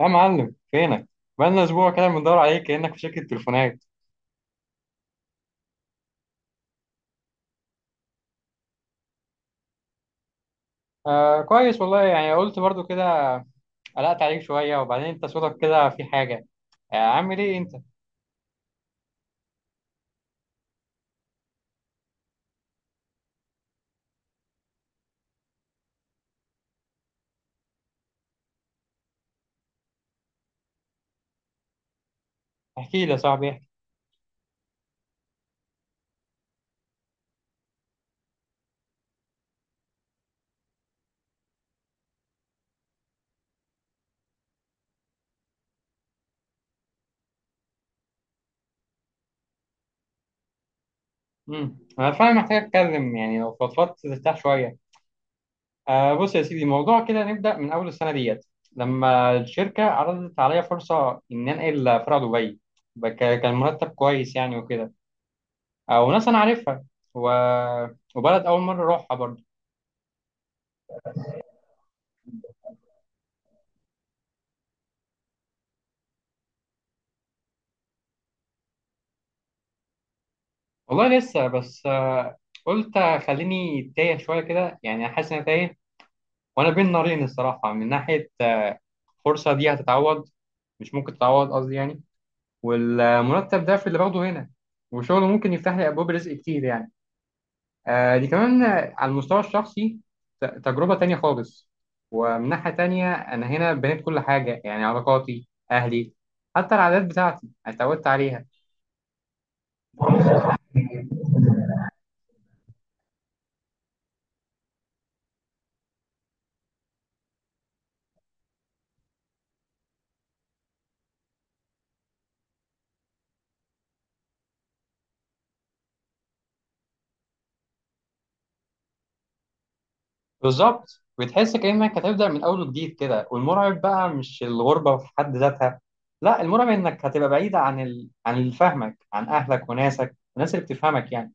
يا معلم فينك؟ بقالنا اسبوع كده بندور عليك كانك في شركه تليفونات. آه كويس والله، يعني قلت برضو كده. قلقت عليك شويه، وبعدين انت صوتك كده في حاجه. عامل ايه انت؟ احكي لي يا صاحبي، احكي. انا فعلا محتاج اتكلم، يعني لو فضفضت ترتاح شويه. بص يا سيدي، الموضوع كده نبدا من اول السنه ديت، لما الشركه عرضت عليا فرصه ان انقل فرع دبي بك- كان مرتب كويس يعني وكده. وناس انا عارفها، و... وبلد اول مره اروحها برضو. والله لسه، بس قلت خليني تايه شويه كده، يعني حاسس ان أنا تايه. وانا بين نارين الصراحه، من ناحيه الفرصه دي هتتعوض، مش ممكن تتعوض قصدي يعني. والمرتب ده في اللي باخده هنا، وشغله ممكن يفتح لي ابواب رزق كتير يعني. دي كمان، على المستوى الشخصي تجربه تانية خالص. ومن ناحيه تانية انا هنا بنيت كل حاجه، يعني علاقاتي، اهلي، حتى العادات بتاعتي اتعودت عليها. بالظبط، بتحس كأنك هتبدأ من أول وجديد كده، والمرعب بقى مش الغربة في حد ذاتها. لا، المرعب إنك هتبقى بعيدة عن عن اللي فاهمك، عن أهلك وناسك، الناس اللي بتفهمك يعني.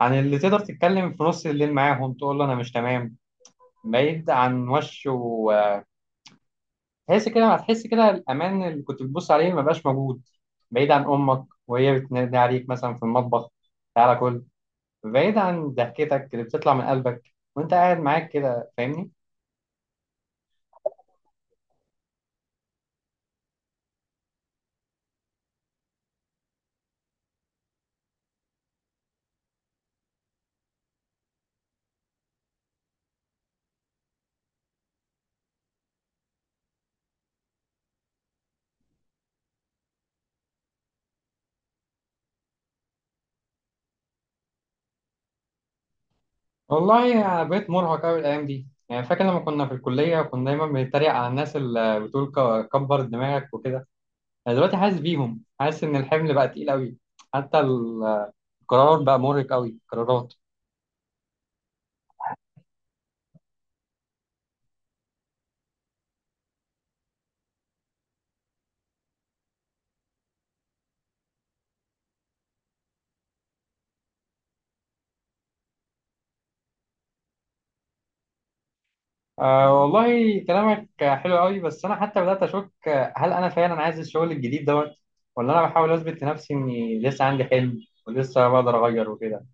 عن اللي تقدر تتكلم في نص الليل معاهم، تقول له أنا مش تمام. بعيد عن وش، وتحس كده، هتحس كده الأمان اللي كنت بتبص عليه ما بقاش موجود. بعيد عن أمك وهي بتنادي عليك مثلا في المطبخ: تعالى كل. بعيد عن ضحكتك اللي بتطلع من قلبك وأنت قاعد معاك كده، فاهمني؟ والله أنا بقيت مرهق أوي الأيام دي. يعني فاكر لما كنا في الكلية، كنا دايما بنتريق على الناس اللي بتقول كبر دماغك وكده. أنا دلوقتي حاسس بيهم، حاسس إن الحمل بقى تقيل أوي. حتى ال- القرار بقى مرهق أوي، القرارات. آه، والله كلامك حلو أوي، بس أنا حتى بدأت أشك، هل أنا فعلا عايز الشغل الجديد دوت؟ ولا أنا بحاول أثبت لنفسي إني لسه عندي حلم ولسه بقدر أغير وكده؟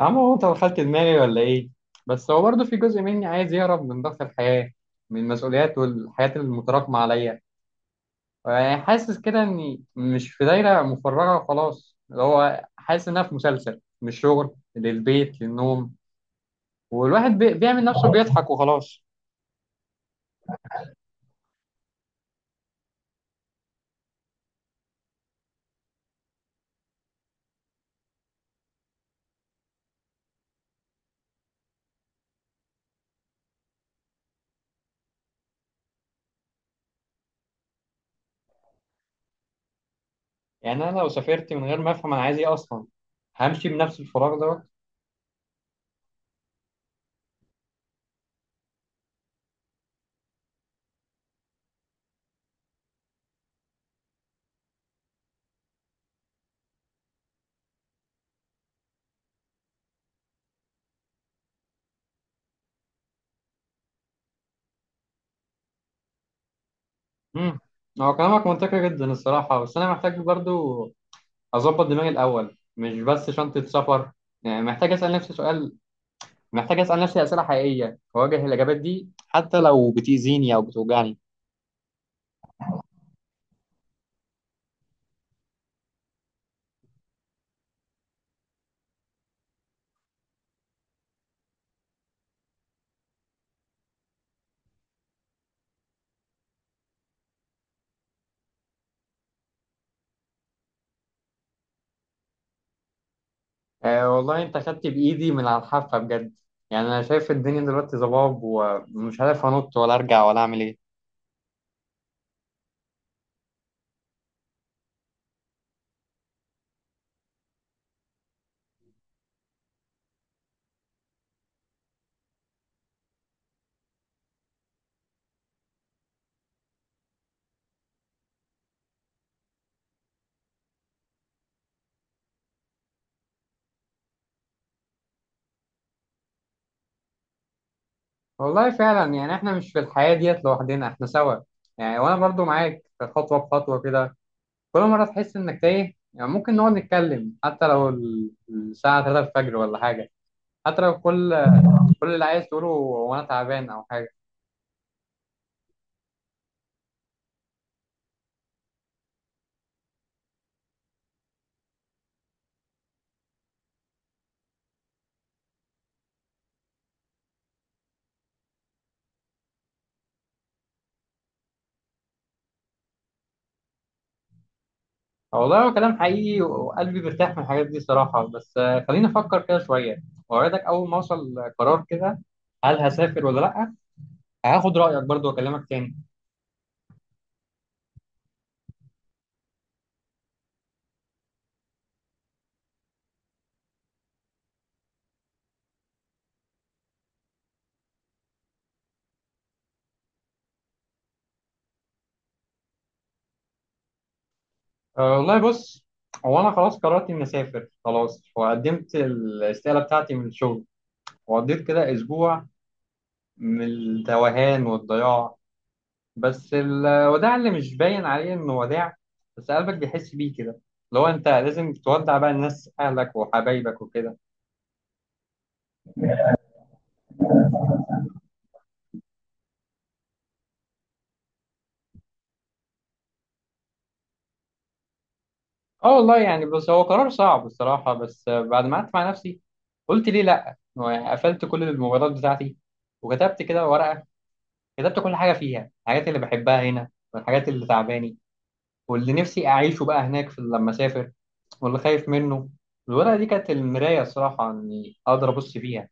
يا عم، هو انت دخلت دماغي ولا ايه؟ بس هو برضه في جزء مني عايز يهرب من ضغط الحياة، من المسؤوليات والحياة المتراكمة عليا. يعني حاسس كده اني مش في دايرة مفرغة وخلاص، اللي هو حاسس انها في مسلسل من الشغل للبيت للنوم. والواحد بيعمل نفسه بيضحك وخلاص. يعني انا لو سافرت من غير ما افهم انا عايز ايه اصلا، همشي بنفس الفراغ دوت. امم هو كلامك منطقي جدا الصراحة، بس انا محتاج برضه اظبط دماغي الاول، مش بس شنطه سفر. يعني محتاج اسال نفسي سؤال، محتاج اسال نفسي اسئله حقيقيه، واواجه الاجابات دي حتى لو بتاذيني او بتوجعني. آه، والله انت خدت بايدي من على الحافه بجد. يعني انا شايف الدنيا دلوقتي ضباب، ومش عارف انط ولا ارجع ولا اعمل ايه. والله فعلا، يعني احنا مش في الحياه ديت لوحدنا، احنا سوا. يعني وانا برضو معاك خطوه بخطوه كده. كل مره تحس انك تايه، يعني ممكن نقعد نتكلم حتى لو الساعه 3 الفجر ولا حاجه. حتى لو كل اللي عايز تقوله هو انا تعبان او حاجه. آه، والله هو كلام حقيقي، وقلبي بيرتاح من الحاجات دي صراحه، بس خليني افكر كده شويه. واوعدك اول ما اوصل قرار كده، هل هسافر ولا لا، هاخد رايك برضو واكلمك تاني. أه والله، بص. هو انا خلاص قررت اني اسافر خلاص، وقدمت الاستقاله بتاعتي من الشغل. وقضيت كده اسبوع من التوهان والضياع. بس الوداع اللي مش باين عليه انه وداع، بس قلبك بيحس بيه كده، اللي هو انت لازم تودع بقى الناس، اهلك وحبايبك وكده. اه والله يعني، بس هو قرار صعب الصراحة، بس بعد ما قعدت مع نفسي قلت ليه لا. هو يعني قفلت كل الموبايلات بتاعتي، وكتبت كده ورقة، كتبت كل حاجة فيها، الحاجات اللي بحبها هنا، والحاجات اللي تعباني، واللي نفسي اعيشه بقى هناك في لما اسافر، واللي خايف منه. الورقة دي كانت المراية الصراحة، اني اقدر ابص فيها.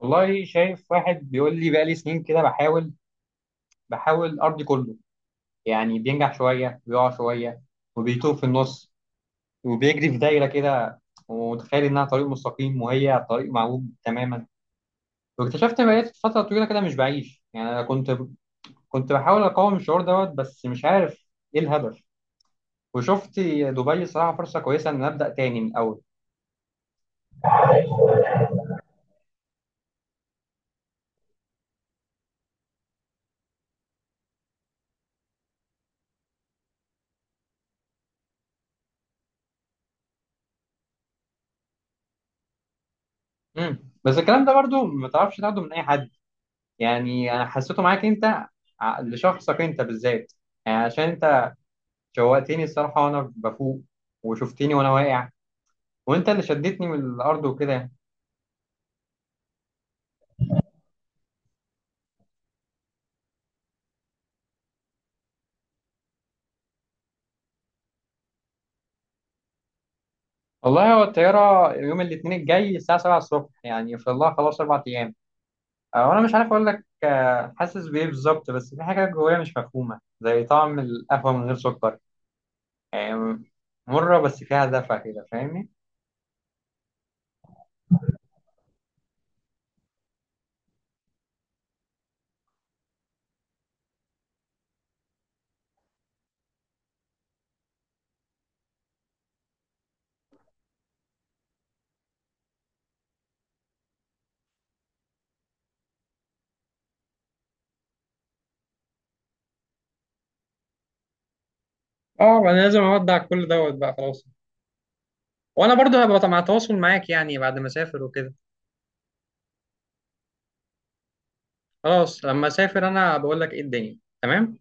والله شايف واحد بيقول لي بقالي سنين كده، بحاول أرضي كله. يعني بينجح شوية، بيقع شوية، وبيتوه في النص، وبيجري في دايرة كده، ومتخيل إنها طريق مستقيم، وهي طريق معوج تماما. واكتشفت إن بقيت فترة طويلة كده مش بعيش يعني. أنا كنت بحاول أقاوم الشعور دوت، بس مش عارف إيه الهدف. وشفت دبي صراحة فرصة كويسة إن أبدأ تاني من الأول. مم. بس الكلام ده برضو ما تعرفش تاخده من أي حد، يعني انا حسيته معاك انت، لشخصك انت بالذات. يعني عشان انت شوقتني الصراحه وانا بفوق، وشفتني وانا واقع، وانت اللي شدتني من الارض وكده يعني. والله هو الطياره يوم الاثنين الجاي الساعه 7 الصبح، يعني في الله خلاص 4 ايام. وانا مش عارف اقول لك حاسس بايه بالظبط، بس في حاجه جوايا مش مفهومه زي طعم القهوه من غير سكر. يعني مره بس فيها دفى كده، فاهمني؟ اه، انا لازم اودع كل دوت بقى خلاص. وانا برضو هبقى مع تواصل معاك، يعني بعد ما اسافر وكده. خلاص لما اسافر انا بقول لك ايه الدنيا تمام.